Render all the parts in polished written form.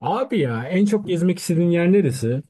Abi ya en çok gezmek istediğin yer neresi?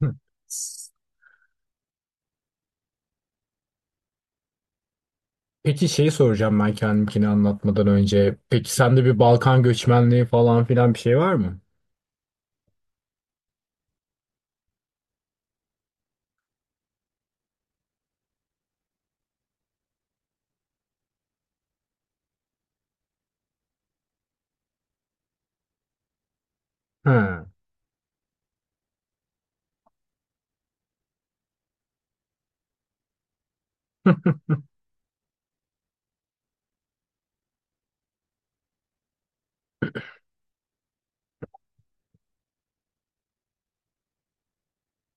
Hı. Peki şeyi soracağım ben kendimkini anlatmadan önce. Peki sende bir Balkan göçmenliği falan filan bir şey var mı? Ha.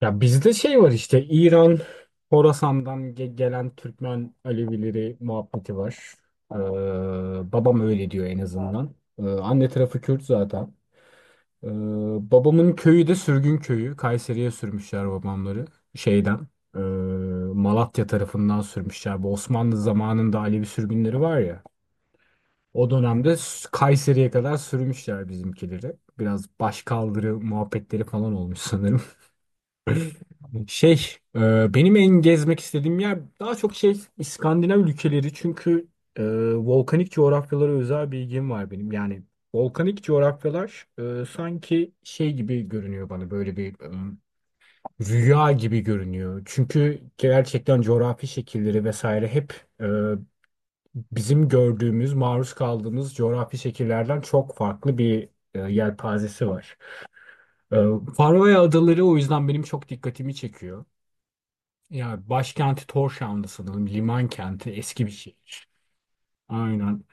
Ya bizde şey var işte İran, Horasan'dan gelen Türkmen Alevileri muhabbeti var. Ee, babam öyle diyor en azından. Anne tarafı Kürt zaten. Ee, babamın köyü de sürgün köyü. Kayseri'ye sürmüşler babamları. Şeyden. e, Malatya tarafından sürmüşler. Bu Osmanlı zamanında Alevi sürgünleri var ya. O dönemde Kayseri'ye kadar sürmüşler bizimkileri. Biraz başkaldırı muhabbetleri falan olmuş sanırım. Şey, benim en gezmek istediğim yer daha çok şey İskandinav ülkeleri çünkü e, volkanik coğrafyalara özel bir ilgim var benim. Yani volkanik coğrafyalar sanki şey gibi görünüyor bana böyle bir rüya gibi görünüyor. Çünkü gerçekten coğrafi şekilleri vesaire hep e, bizim gördüğümüz, maruz kaldığımız coğrafi şekillerden çok farklı bir yelpazesi var. E, Faroe Adaları o yüzden benim çok dikkatimi çekiyor. Ya başkenti Tórshavn'da sanırım. Liman kenti eski bir şehir. Aynen.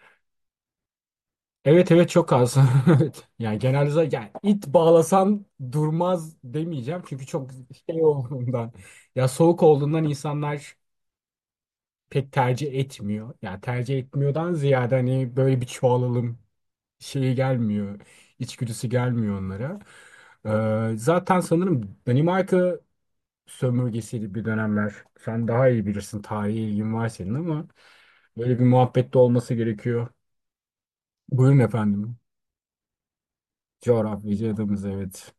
Evet, evet, çok az. Evet. Yani genelde zaten, yani it bağlasan durmaz demeyeceğim. Çünkü çok şey olduğundan. Ya soğuk olduğundan insanlar pek tercih etmiyor. Yani tercih etmiyordan ziyade hani böyle bir çoğalalım şeyi gelmiyor. İçgüdüsü gelmiyor onlara. Zaten sanırım Danimarka sömürgesiydi bir dönemler. Sen daha iyi bilirsin. Tarihi ilgin var senin ama. Böyle bir muhabbette olması gerekiyor. Buyurun efendim. Coğrafyacı adamız, evet.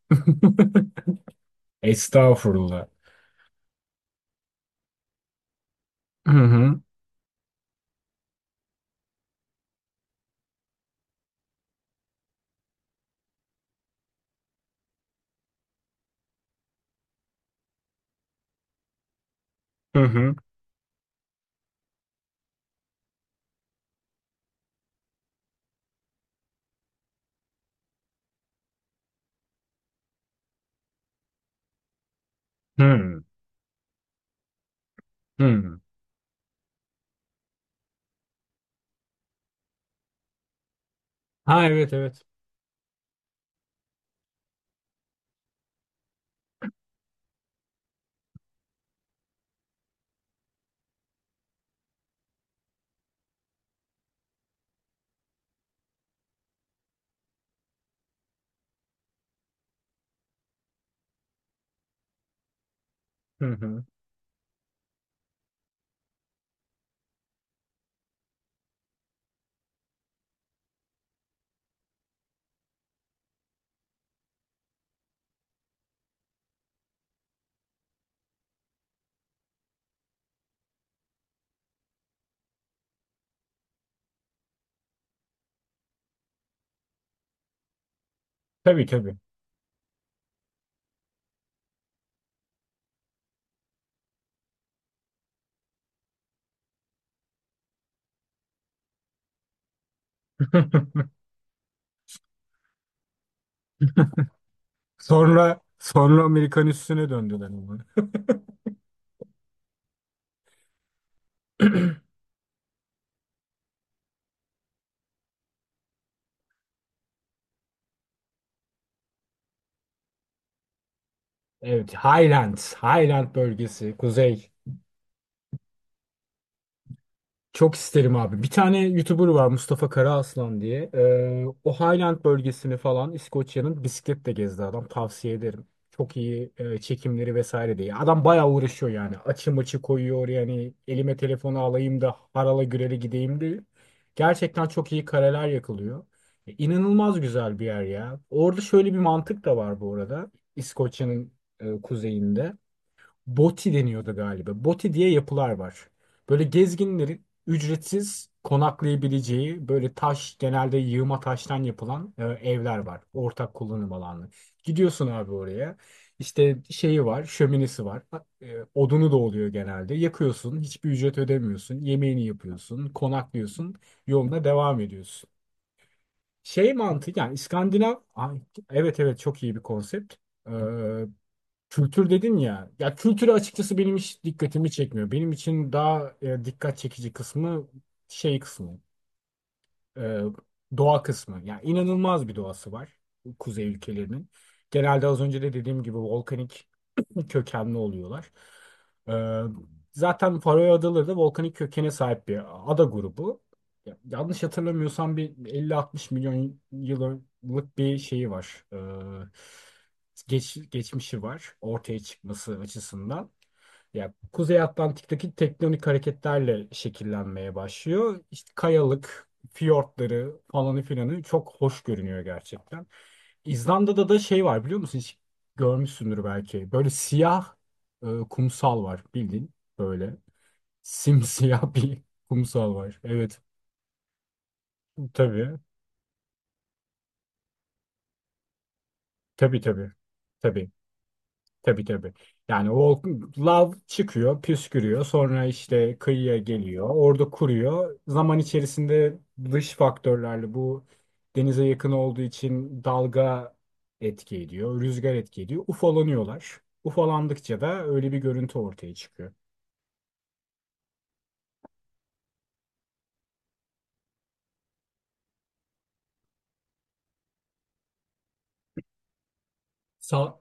Estağfurullah. Hı hı. Hı hı. Hı hı. Ha, evet, evet. Hı hı. Tabii, tabii. Sonra Amerikan üssüne döndüler ama. Evet, Highlands, Highland bölgesi, kuzey. Çok isterim abi. Bir tane YouTuber var, Mustafa Karaaslan diye. O Highland bölgesini falan İskoçya'nın bisikletle gezdi adam. Tavsiye ederim. Çok iyi çekimleri vesaire diye. Adam bayağı uğraşıyor yani. Açı maçı koyuyor yani. Elime telefonu alayım da harala gürele gideyim diye. Gerçekten çok iyi kareler yakılıyor. İnanılmaz güzel bir yer ya. Orada şöyle bir mantık da var bu arada. İskoçya'nın kuzeyinde. Boti deniyordu galiba. Boti diye yapılar var. Böyle gezginlerin ücretsiz konaklayabileceği böyle taş, genelde yığma taştan yapılan evler var. Ortak kullanım alanı. Gidiyorsun abi oraya. İşte şeyi var, şöminesi var. Odunu da oluyor genelde. Yakıyorsun, hiçbir ücret ödemiyorsun. Yemeğini yapıyorsun, konaklıyorsun. Yoluna devam ediyorsun. Şey mantık yani İskandinav Ay, evet, evet, çok iyi bir konsept. Ee, Kültür dedin ya. Ya kültürü açıkçası benim hiç dikkatimi çekmiyor. Benim için daha dikkat çekici kısmı şey kısmı e, doğa kısmı. Yani inanılmaz bir doğası var kuzey ülkelerinin. Genelde az önce de dediğim gibi volkanik kökenli oluyorlar. E, zaten Faroe Adaları da volkanik kökene sahip bir ada grubu. Yanlış hatırlamıyorsam bir 50-60 milyon yıllık bir şeyi var. Geçmişi var ortaya çıkması açısından. Ya Kuzey Atlantik'teki tektonik hareketlerle şekillenmeye başlıyor. İşte kayalık, fiyortları falanı filanı çok hoş görünüyor gerçekten. İzlanda'da da şey var biliyor musun? Hiç görmüşsündür belki. Böyle siyah kumsal var bildiğin böyle. Simsiyah bir kumsal var. Evet, tabii. Tabii, tabii. Tabii. Tabii, tabii. Yani o lav çıkıyor, püskürüyor. Sonra işte kıyıya geliyor. Orada kuruyor. Zaman içerisinde dış faktörlerle bu denize yakın olduğu için dalga etki ediyor, rüzgar etki ediyor. Ufalanıyorlar. Ufalandıkça da öyle bir görüntü ortaya çıkıyor. Sa-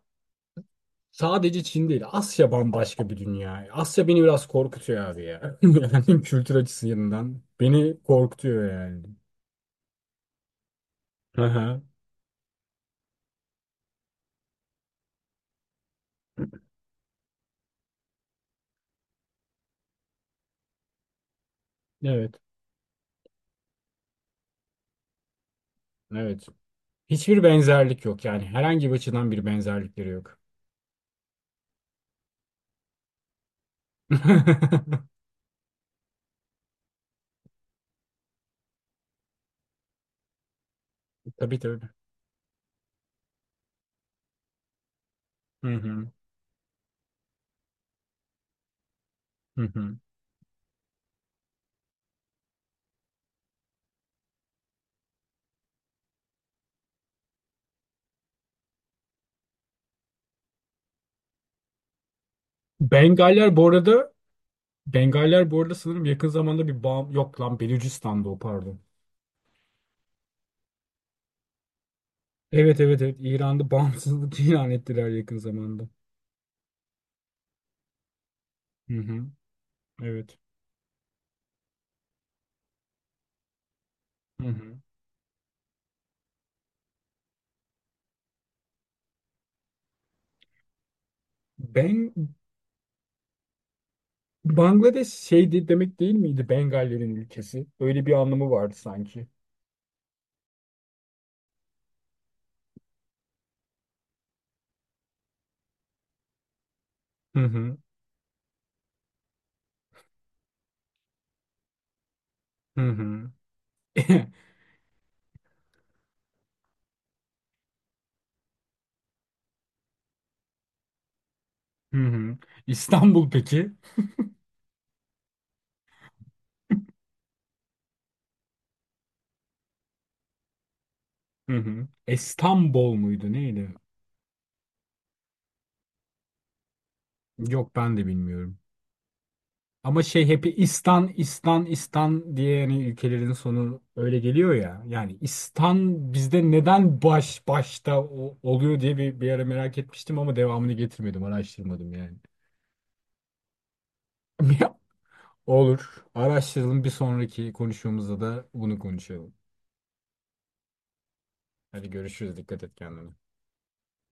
sadece Çin değil, Asya bambaşka bir dünya. Asya beni biraz korkutuyor abi ya. Yani kültür açısından beni korkutuyor yani. Aha, evet, evet. Hiçbir benzerlik yok yani. Herhangi bir açıdan bir benzerlikleri yok. Tabii, tabii. Hı hı. Hı hı. Bengaller bu arada Bengaller bu arada sanırım yakın zamanda bir bağım yok lan Belucistan'da o, pardon. Evet, evet, evet, İran'da bağımsızlık ilan ettiler yakın zamanda. Hı hı. Evet. Hı hı. Ben Bangladeş şeydi demek değil miydi Bengallerin ülkesi? Öyle bir anlamı vardı sanki. Hı hı. Hı hı. Hı hı. İstanbul peki? Hı hı. İstanbul muydu neydi? Yok, ben de bilmiyorum. Ama şey, hep İstan, İstan, İstan diye yani ülkelerin sonu öyle geliyor ya. Yani İstan bizde neden baş başta oluyor diye bir, bir ara merak etmiştim ama devamını getirmedim, araştırmadım yani. Olur. Araştıralım, bir sonraki konuşmamızda da bunu konuşalım. Hadi görüşürüz. Dikkat et kendine.